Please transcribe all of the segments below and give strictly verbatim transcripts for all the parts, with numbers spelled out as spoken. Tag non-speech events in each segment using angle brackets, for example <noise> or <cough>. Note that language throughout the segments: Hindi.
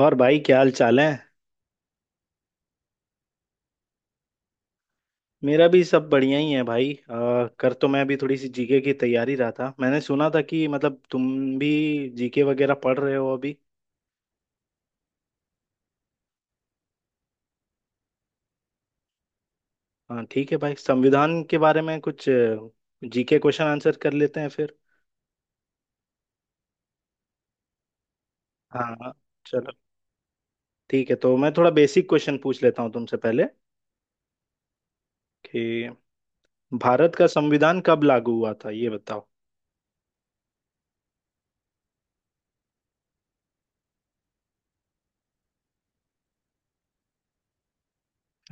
और भाई, क्या हाल चाल है। मेरा भी सब बढ़िया ही है भाई। अ, कर तो मैं अभी थोड़ी सी जीके की तैयारी रहा था। मैंने सुना था कि मतलब तुम भी जीके वगैरह पढ़ रहे हो अभी। हाँ ठीक है भाई, संविधान के बारे में कुछ जीके क्वेश्चन आंसर कर लेते हैं फिर। हाँ। चलो। ठीक है, तो मैं थोड़ा बेसिक क्वेश्चन पूछ लेता हूँ तुमसे पहले कि भारत का संविधान कब लागू हुआ था ये बताओ।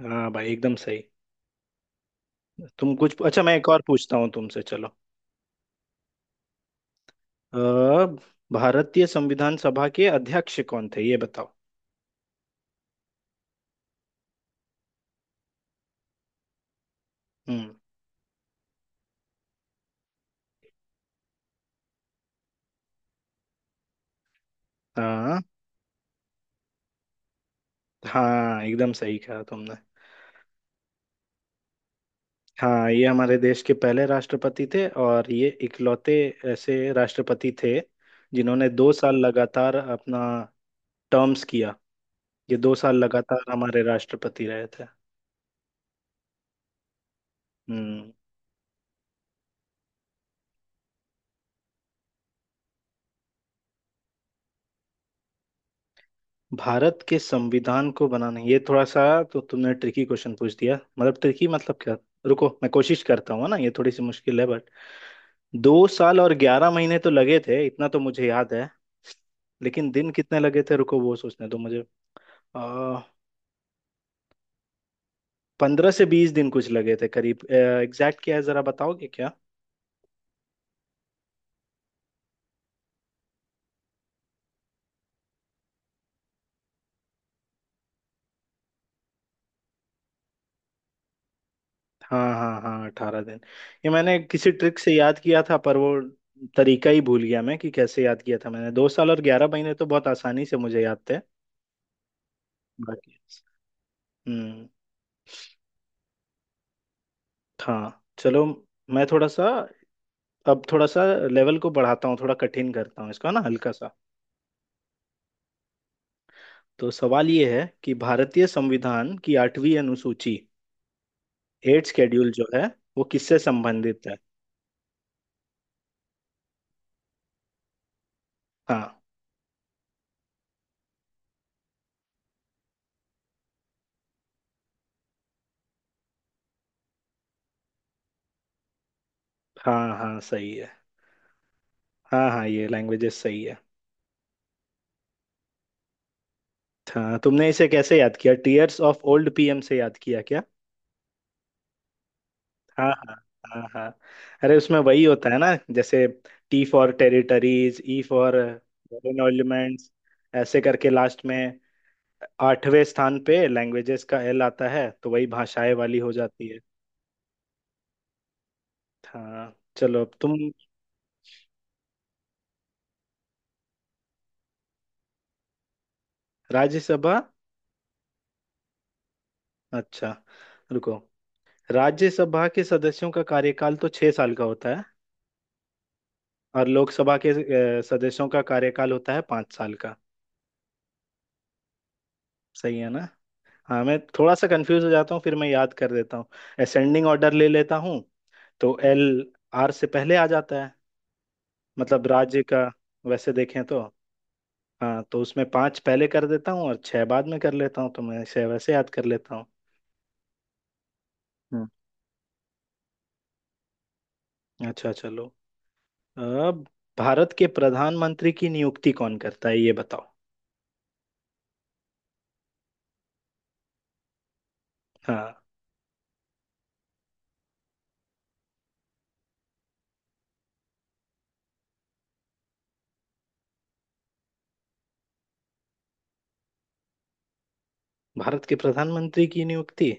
हाँ भाई, एकदम सही। तुम कुछ अच्छा, मैं एक और पूछता हूँ तुमसे। चलो। अ, भारतीय संविधान सभा के अध्यक्ष कौन थे ये बताओ। हम्म। हाँ हाँ, एकदम सही कहा तुमने। हाँ, ये हमारे देश के पहले राष्ट्रपति थे और ये इकलौते ऐसे राष्ट्रपति थे जिन्होंने दो साल लगातार अपना टर्म्स किया। ये दो साल लगातार हमारे राष्ट्रपति रहे थे। हम्म। भारत के संविधान को बनाने, ये थोड़ा सा तो तुमने ट्रिकी क्वेश्चन पूछ दिया। मतलब ट्रिकी मतलब क्या। रुको, मैं कोशिश करता हूँ, है ना, ये थोड़ी सी मुश्किल है बट दो साल और ग्यारह महीने तो लगे थे, इतना तो मुझे याद है। लेकिन दिन कितने लगे थे, रुको, वो सोचने दो मुझे। आ, पंद्रह से बीस दिन कुछ लगे थे करीब, एग्जैक्ट क्या है जरा बताओगे क्या। हाँ हाँ हाँ, अठारह दिन। ये मैंने किसी ट्रिक से याद किया था पर वो तरीका ही भूल गया मैं कि कैसे याद किया था। मैंने दो साल और ग्यारह महीने तो बहुत आसानी से मुझे याद थे। बाकी। हम्म। हाँ। चलो। मैं थोड़ा सा अब थोड़ा सा लेवल को बढ़ाता हूँ, थोड़ा कठिन करता हूँ इसका ना, हल्का सा। तो सवाल ये है कि भारतीय संविधान की आठवीं अनुसूची, एट शेड्यूल जो है वो किससे संबंधित है। हाँ हाँ हाँ, सही है। हाँ हाँ, ये लैंग्वेजेस सही है। हाँ, तुमने इसे कैसे याद किया? टीयर्स ऑफ ओल्ड पीएम से याद किया क्या? हाँ हाँ हाँ हाँ। अरे उसमें वही होता है ना, जैसे T for territories, E for elements, ऐसे करके लास्ट में आठवें स्थान पे लैंग्वेजेस का एल आता है तो वही भाषाएं वाली हो जाती है। हाँ चलो, अब तुम। राज्यसभा। अच्छा, रुको। राज्यसभा के सदस्यों का कार्यकाल तो छह साल का होता है। और लोकसभा के अ, सदस्यों का कार्यकाल होता है पाँच साल का। सही है ना। हाँ, मैं थोड़ा सा कंफ्यूज हो जाता हूँ फिर, मैं याद कर देता हूँ असेंडिंग ऑर्डर ले लेता हूँ। तो एल आर से पहले आ जाता है, मतलब राज्य का, वैसे देखें तो। हाँ, तो उसमें पांच पहले कर देता हूँ और छह बाद में कर लेता हूँ तो मैं इसे वैसे याद कर लेता हूँ। हम्म, अच्छा चलो, अब। भारत के प्रधानमंत्री की नियुक्ति कौन करता है ये बताओ। हाँ, भारत के प्रधानमंत्री की नियुक्ति।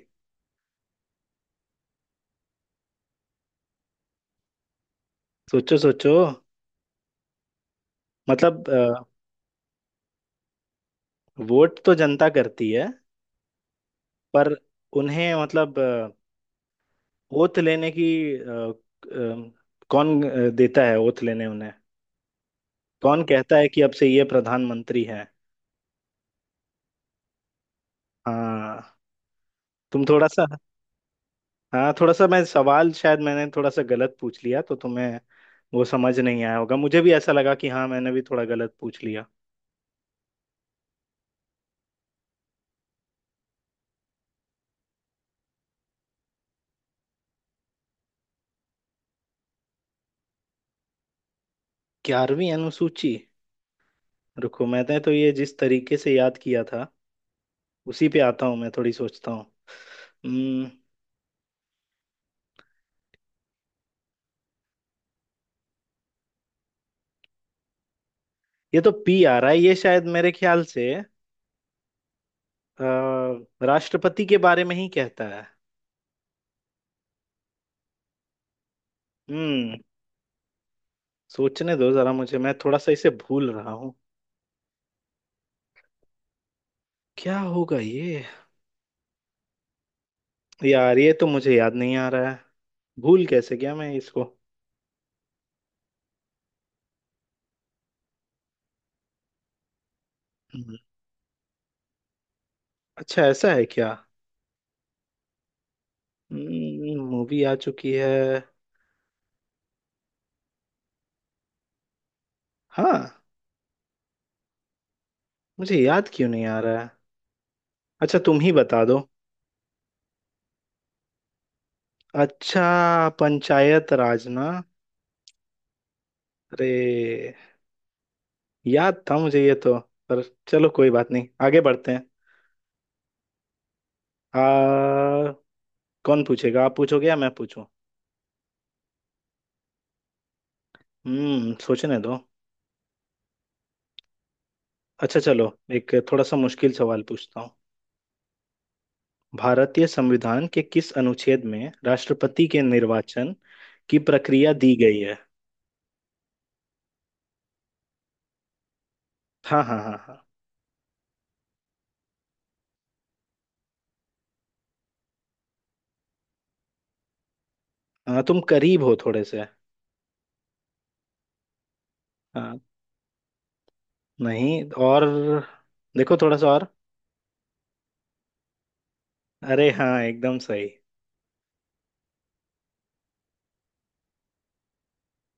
सोचो सोचो, मतलब। अ, वोट तो जनता करती है पर उन्हें, मतलब, ओथ लेने की, अ, अ, कौन अ, देता है ओथ लेने उन्हें। कौन कहता है कि अब से ये प्रधानमंत्री हैं। हाँ, तुम थोड़ा सा। हाँ, थोड़ा सा मैं सवाल शायद मैंने थोड़ा सा गलत पूछ लिया तो तुम्हें वो समझ नहीं आया होगा। मुझे भी ऐसा लगा कि हाँ, मैंने भी थोड़ा गलत पूछ लिया। ग्यारहवीं अनुसूची। रुको, मैंने तो ये जिस तरीके से याद किया था उसी पे आता हूँ, मैं थोड़ी सोचता हूँ। हम्म, ये तो पी आ रहा है, ये शायद मेरे ख्याल से अ, राष्ट्रपति के बारे में ही कहता है। हम्म सोचने दो जरा मुझे, मैं थोड़ा सा इसे भूल रहा हूँ। क्या होगा ये। यार ये तो मुझे याद नहीं आ रहा है। भूल कैसे गया मैं इसको। हम्म, अच्छा ऐसा है क्या। हम्म, मूवी आ चुकी है। हाँ, मुझे याद क्यों नहीं आ रहा है। अच्छा, तुम ही बता दो। अच्छा, पंचायत राज ना। अरे, याद था मुझे ये तो, पर चलो कोई बात नहीं आगे बढ़ते हैं। आ, कौन पूछेगा, आप पूछोगे या मैं पूछूं। हम्म सोचने दो। अच्छा चलो, एक थोड़ा सा मुश्किल सवाल पूछता हूँ। भारतीय संविधान के किस अनुच्छेद में राष्ट्रपति के निर्वाचन की प्रक्रिया दी गई है? हाँ हाँ हाँ हाँ। हाँ, तुम करीब हो थोड़े से। हाँ। नहीं। और देखो थोड़ा सा और। अरे हाँ, एकदम सही।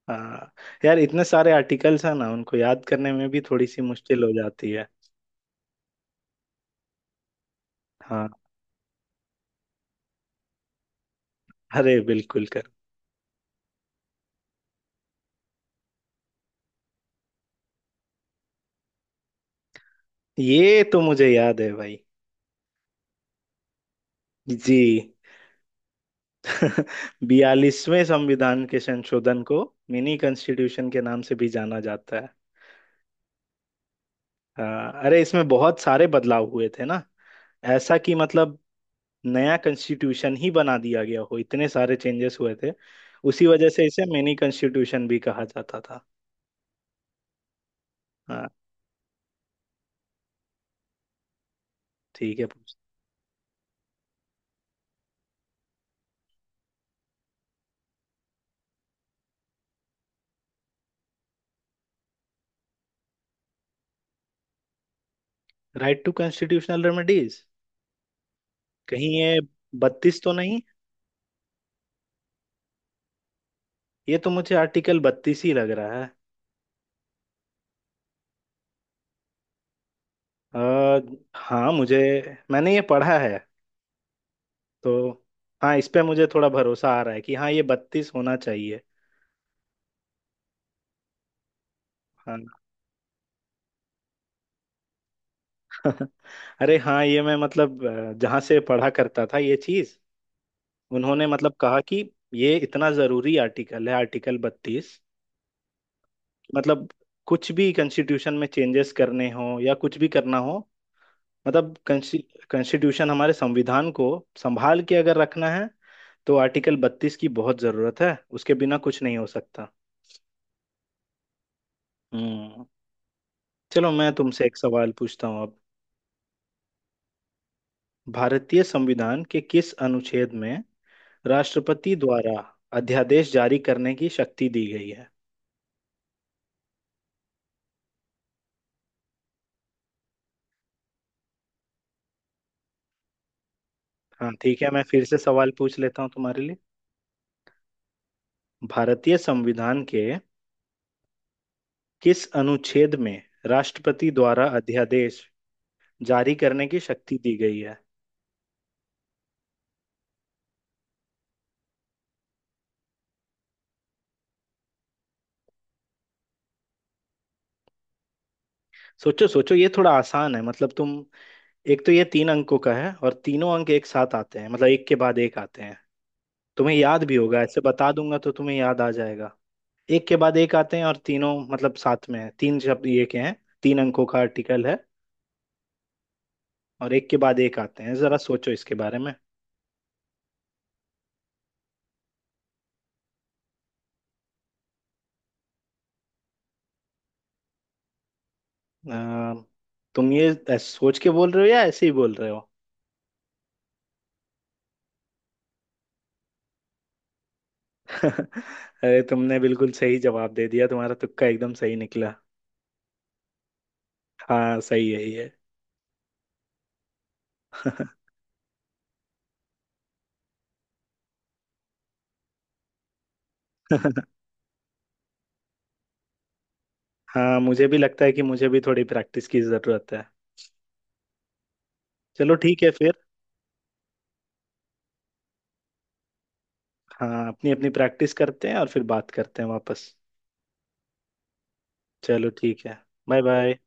हाँ यार, इतने सारे आर्टिकल्स हैं ना, उनको याद करने में भी थोड़ी सी मुश्किल हो जाती है। हाँ। अरे बिल्कुल कर। ये तो मुझे याद है भाई। जी। बयालीसवें संविधान के संशोधन को मिनी कॉन्स्टिट्यूशन के नाम से भी जाना जाता है। हाँ, अरे इसमें बहुत सारे बदलाव हुए थे ना, ऐसा कि मतलब नया कॉन्स्टिट्यूशन ही बना दिया गया हो, इतने सारे चेंजेस हुए थे उसी वजह से इसे मिनी कॉन्स्टिट्यूशन भी कहा जाता था। हाँ ठीक है। Right to constitutional remedies. कहीं ये बत्तीस तो नहीं। ये तो मुझे आर्टिकल बत्तीस ही लग रहा है। आ, हाँ मुझे, मैंने ये पढ़ा है तो। हाँ, इस पे मुझे थोड़ा भरोसा आ रहा है कि हाँ ये बत्तीस होना चाहिए। हाँ। <laughs> अरे हाँ, ये मैं मतलब अ, जहाँ से पढ़ा करता था ये चीज, उन्होंने मतलब कहा कि ये इतना जरूरी आर्टिकल है, आर्टिकल बत्तीस। मतलब कुछ भी कॉन्स्टिट्यूशन में चेंजेस करने हो या कुछ भी करना हो, मतलब। कॉन्स्टिट्यूशन हमारे संविधान को संभाल के अगर रखना है तो आर्टिकल बत्तीस की बहुत जरूरत है, उसके बिना कुछ नहीं हो सकता। हम्म चलो, मैं तुमसे एक सवाल पूछता हूँ। भारतीय संविधान के किस अनुच्छेद में राष्ट्रपति द्वारा अध्यादेश जारी करने की शक्ति दी गई है? हाँ ठीक है, मैं फिर से सवाल पूछ लेता हूँ तुम्हारे लिए। भारतीय संविधान के किस अनुच्छेद में राष्ट्रपति द्वारा अध्यादेश जारी करने की शक्ति दी गई है? सोचो सोचो, ये थोड़ा आसान है, मतलब तुम। एक तो ये तीन अंकों का है और तीनों अंक एक साथ आते हैं, मतलब एक के बाद एक आते हैं। तुम्हें याद भी होगा, ऐसे बता दूंगा तो तुम्हें याद आ जाएगा। एक के बाद एक आते हैं और तीनों मतलब साथ में है, तीन शब्द ये के हैं। तीन अंकों का आर्टिकल है। और एक के बाद एक आते हैं, जरा सोचो इसके बारे में। अ, तुम ये ऐस- सोच के बोल रहे हो या ऐसे ही बोल रहे हो। <laughs> अरे, तुमने बिल्कुल सही जवाब दे दिया, तुम्हारा तुक्का एकदम सही निकला। हाँ सही है ये। <laughs> हाँ, मुझे भी लगता है कि मुझे भी थोड़ी प्रैक्टिस की जरूरत है। चलो ठीक है फिर। हाँ, अपनी अपनी प्रैक्टिस करते हैं और फिर बात करते हैं वापस। चलो ठीक है। Bye bye.